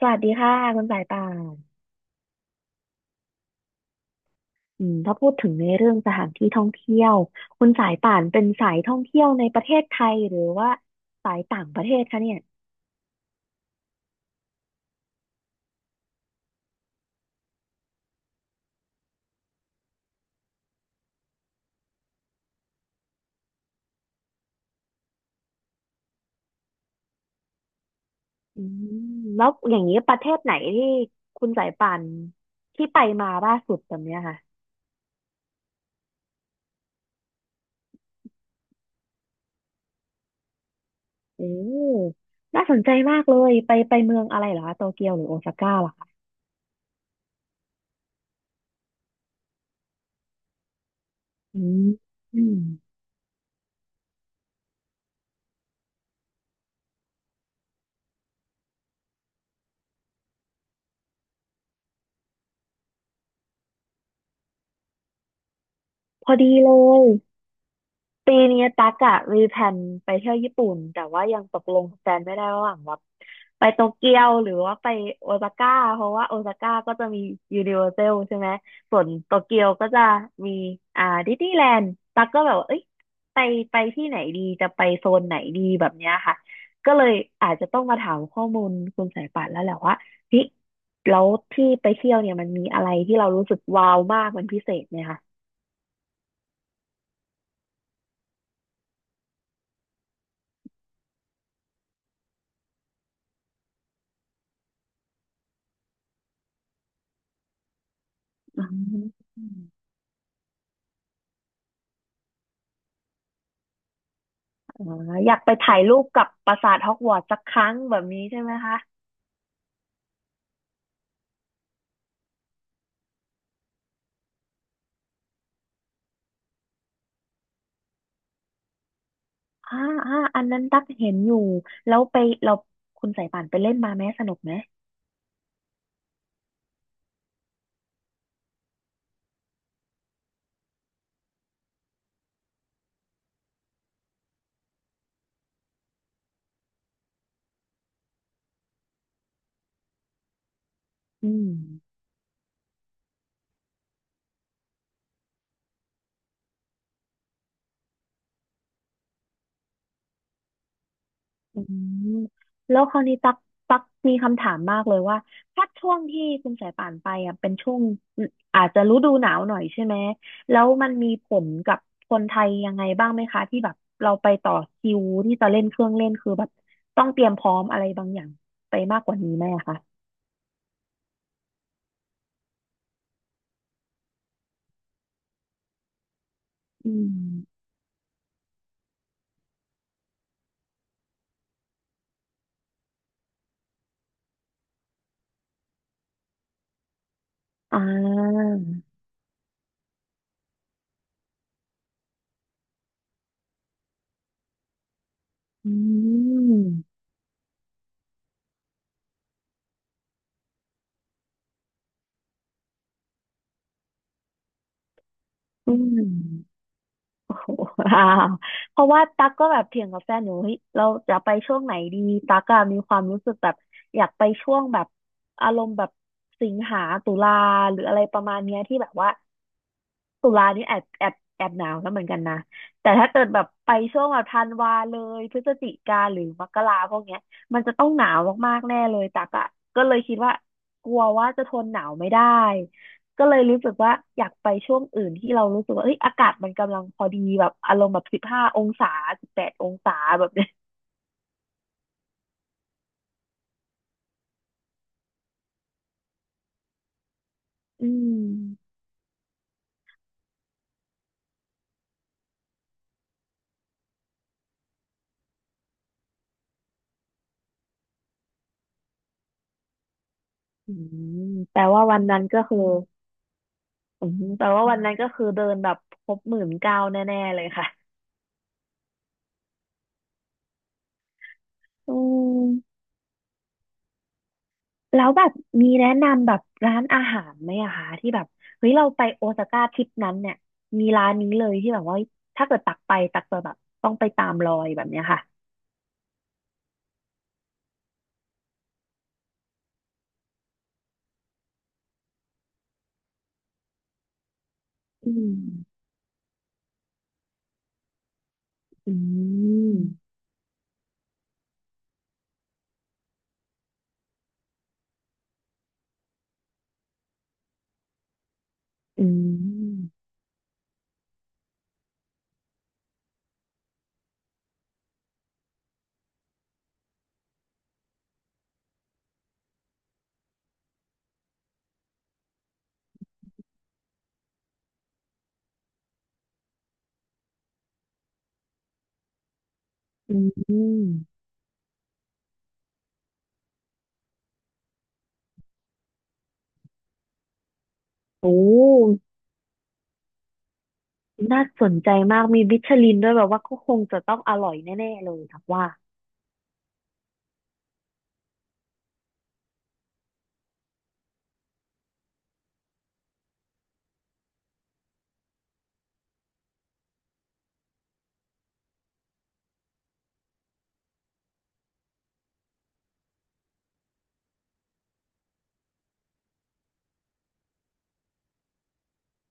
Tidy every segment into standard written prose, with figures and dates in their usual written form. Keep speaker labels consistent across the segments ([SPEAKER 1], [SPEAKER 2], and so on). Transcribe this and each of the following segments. [SPEAKER 1] สวัสดีค่ะคุณสายป่านถ้าพูดถึงในเรื่องสถานที่ท่องเที่ยวคุณสายป่านเป็นสายท่องเที่ยวในประเทศไทยหรือว่าสายต่างประเทศคะเนี่ยอืมแล้วอย่างนี้ประเทศไหนที่คุณสายป่านที่ไปมาล่าสุดแบบเนี้ยค่ะโอ้น่าสนใจมากเลยไปเมืองอะไรเหรอคะโตเกียวหรือโอซาก้าเหรอคะอืมอืมพอดีเลย ปีนี้ตั๊กอะมีแผนไปเที่ยวญี่ปุ่นแต่ว่ายังตกลงกับแฟนไม่ได้ระหว่างแบบไปโตเกียวหรือว่าไปโอซาก้าเพราะว่าโอซาก้าก็จะมียูนิเวอร์แซลใช่ไหมส่วนโตเกียวก็จะมีดิสนีย์แลนด์ตั๊กก็แบบว่าเอ้ยไปไปที่ไหนดีจะไปโซนไหนดีแบบเนี้ยค่ะก็เลยอาจจะต้องมาถามข้อมูลคุณสายป่านแล้วแหละว่าเฮ้ยแล้วที่ไปเที่ยวเนี่ยมันมีอะไรที่เรารู้สึกว้าวมากมันพิเศษไหมคะอืม อ๋ออยากไปถ่ายรูปกับปราสาทฮอกวอตส์สักครั้งแบบนี้ใช่ไหมคะ อ่าอ่าอันนั้นตักเห็นอยู่ แล้วไปเราคุณสายป่านไปเล่นมาไหมสนุกไหมอืมอืมแล้วคราวนี้ตักมีคำถามมากเลยว่าถ้าช่วงที่คุณสายป่านไปอ่ะเป็นช่วงอาจจะฤดูหนาวหน่อยใช่ไหม แล้วมันมีผลกับคนไทยยังไงบ้างไหมคะที่แบบเราไปต่อคิวที่จะเล่นเครื่องเล่นคือแบบต้องเตรียมพร้อมอะไรบางอย่างไปมากกว่านี้ไหมอะคะอืม อ่าอืมอืม ว้าวเพราะว่าตั๊กก็แบบเถียงกับแฟนอยู่เฮ้ยเราจะไปช่วงไหนดี ตั๊กอะมีความรู้สึกแบบอยากไปช่วงแบบอารมณ์แบบสิงหาตุลาหรืออะไรประมาณเนี้ยที่แบบว่าตุลานี่แอบแอบแอบหนาวแล้วเหมือนกันนะแต่ถ้าเกิดแบบไปช่วงแบบธันวาเลยพฤศจิกาหรือมกราพวกเนี้ยมันจะต้องหนาวมากๆแน่เลยตักอะก็เลยคิดว่ากลัวว่าจะทนหนาวไม่ได้ ก็เลยรู้สึกว่าอยากไปช่วงอื่นที่เรารู้สึกว่าเอ้ยอากาศมันกำลังพอดีแบบอารมณ์แบบ15 องศา18 องศาแบบเนี้ยอืมอืมแต่ว่าวันนั้นก็คืออืมแต่ว่าวันนั้นก็คือเดินแบบครบ19,000แน่ๆเลยค่ะอืมแล้วแบบมีแนะนำแบบร้านอาหารไหมอะคะที่แบบเฮ้ยเราไปโอซาก้าทริปนั้นเนี่ยมีร้านนี้เลยที่แบบว่าถ้าเกิดตักไปตักจะแบบต้องไปตามรอยแบบเนี้ยค่ะอืมอืมอืม อืมโอ้น่าสนใจมาก มีมิชลินด้วยแบบว่าก็คงจะต้องอร่อยแน่ๆเลยครับว่า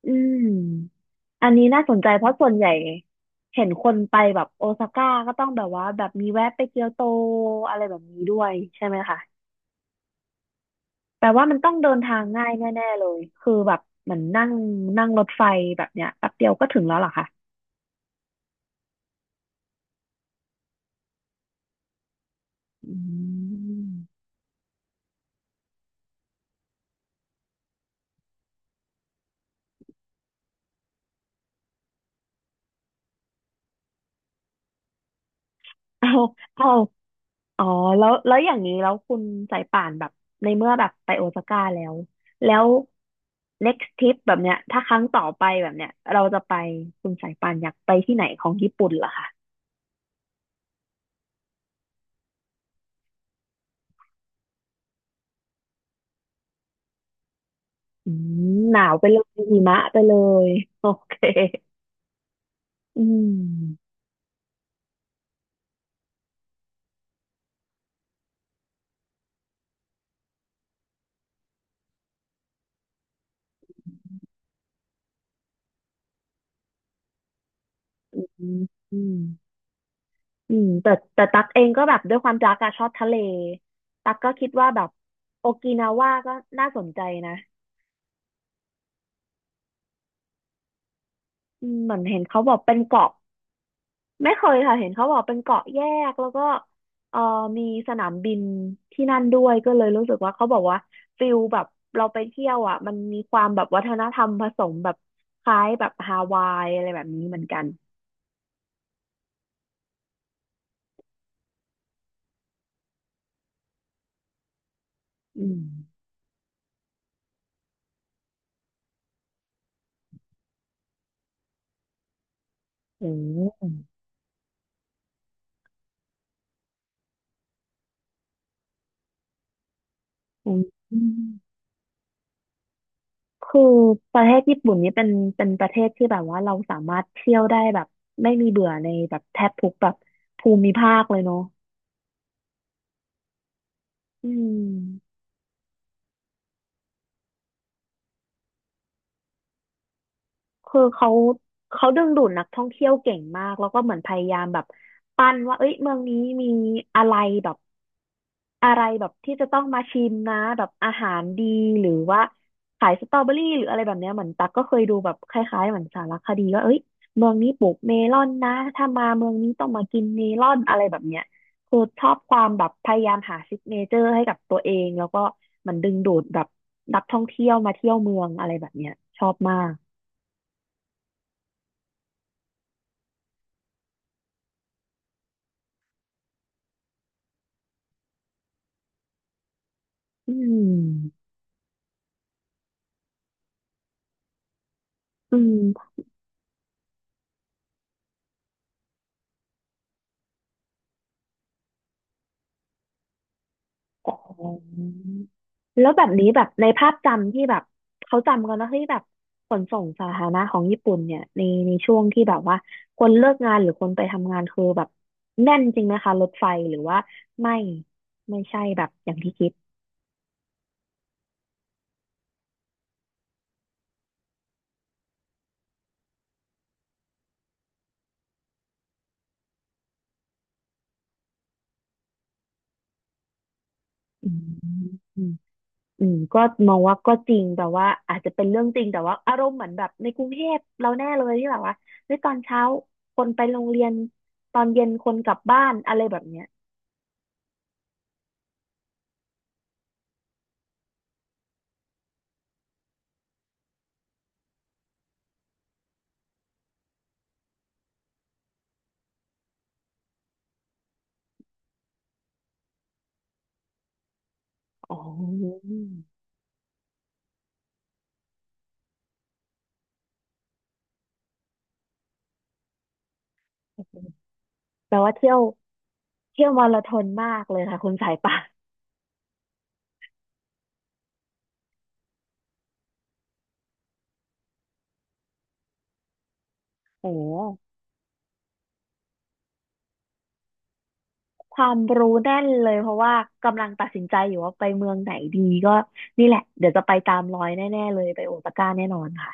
[SPEAKER 1] อืมอันนี้น่าสนใจเพราะส่วนใหญ่เห็นคนไปแบบโอซาก้าก็ต้องแบบว่าแบบมีแวะไปเกียวโตอะไรแบบนี้ด้วยใช่ไหมคะแปลว่ามันต้องเดินทางง่ายแน่ๆเลยคือแบบเหมือนนั่งนั่งรถไฟแบบเนี้ยแป๊บเดียวก็ถึงแล้วเหรอคะอืมเอาเอา อ๋อแล้วอย่างนี้แล้วคุณสายป่านแบบในเมื่อแบบไปโอซาก้าแล้วแล้ว next trip แบบเนี้ยถ้าครั้งต่อไปแบบเนี้ยเราจะไปคุณสายป่านอยากไปที่ไหนของญี่ปุ่นเหรอคะอืมหนาวไปเลยหิมะไปเลย โอเคอืมอืมอืมอืมแต่ตักเองก็แบบด้วยความตักอะชอบทะเลตักก็คิดว่าแบบโอกินาว่าก็น่าสนใจนะอืมเหมือนเห็นเขาบอกเป็นเกาะ ไม่เคยค่ะเห็นเขาบอกเป็นเกาะแยกแล้วก็เอ่อมีสนามบินที่นั่นด้วยก็เลยรู้สึกว่าเขาบอกว่าฟิลแบบเราไปเที่ยวอ่ะมันมีความแบบวัฒนธรรมผสมแบบคล้ายแบบฮาวายอะไรแบบนี้เหมือนกันอืมอืมอืมอืมคือประเทศญี่ปุ่นนี้เป็นประเทศที่แบบว่าเราสามารถเที่ยวได้แบบไม่มีเบื่อในแบบแทบทุกแบบภูมิภาคเลยเนาะอืม คือเขาดึงดูดนักท่องเที่ยวเก่งมากแล้วก็เหมือนพยายามแบบปั้นว่าเอ้ยเมืองนี้มีอะไรแบบอะไรแบบที่จะต้องมาชิมนะแบบอาหารดีหรือว่าขายสตรอเบอรี่หรืออะไรแบบเนี้ยเหมือนตักก็เคยดูแบบคล้ายๆเหมือนสารคดีว่าเอ้ยเมืองนี้ปลูกเมลอนนะถ้ามาเมืองนี้ต้องมากินเมลอนอะไรแบบเนี้ยคือชอบความแบบพยายามหาซิกเนเจอร์ให้กับตัวเองแล้วก็เหมันดึงดูดแบบนักท่องเที่ยวมาเที่ยวเมืองอะไรแบบเนี้ยชอบมากอืม อืมอ๋อแล้วแบบนี้แบบในภาพจำที่แบบเขาจำกันนะที่แบบขนส่งสาธารณะของญี่ปุ่นเนี่ยในช่วงที่แบบว่าคนเลิกงานหรือคนไปทำงานคือแบบแน่นจริงไหมคะรถไฟหรือว่าไม่ไม่ใช่แบบอย่างที่คิดอืมอืมอืมก็มองว่าก็จริงแต่ว่าอาจจะเป็นเรื่องจริงแต่ว่าอารมณ์เหมือนแบบในกรุงเทพเราแน่เลยที่แบบว่าเฮ้ยตอนเช้าคนไปโรงเรียนตอนเย็นคนกลับบ้านอะไรแบบเนี้ยอ๋อ แปลว่าเที่ยวมาราธอนมากเลยค่ะคุณสายป่านโอ้ความรู้แน่นเลยเพราะว่ากำลังตัดสินใจอยู่ว่าไปเมืองไหนดีก็นี่แหละเดี๋ยวจะไปตามรอยแน่ๆเลยไปโอซาก้าแน่นอนค่ะ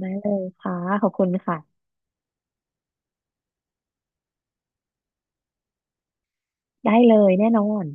[SPEAKER 1] ได้เลยค่ะขอบคุณค่ะได้เลยแน่นอน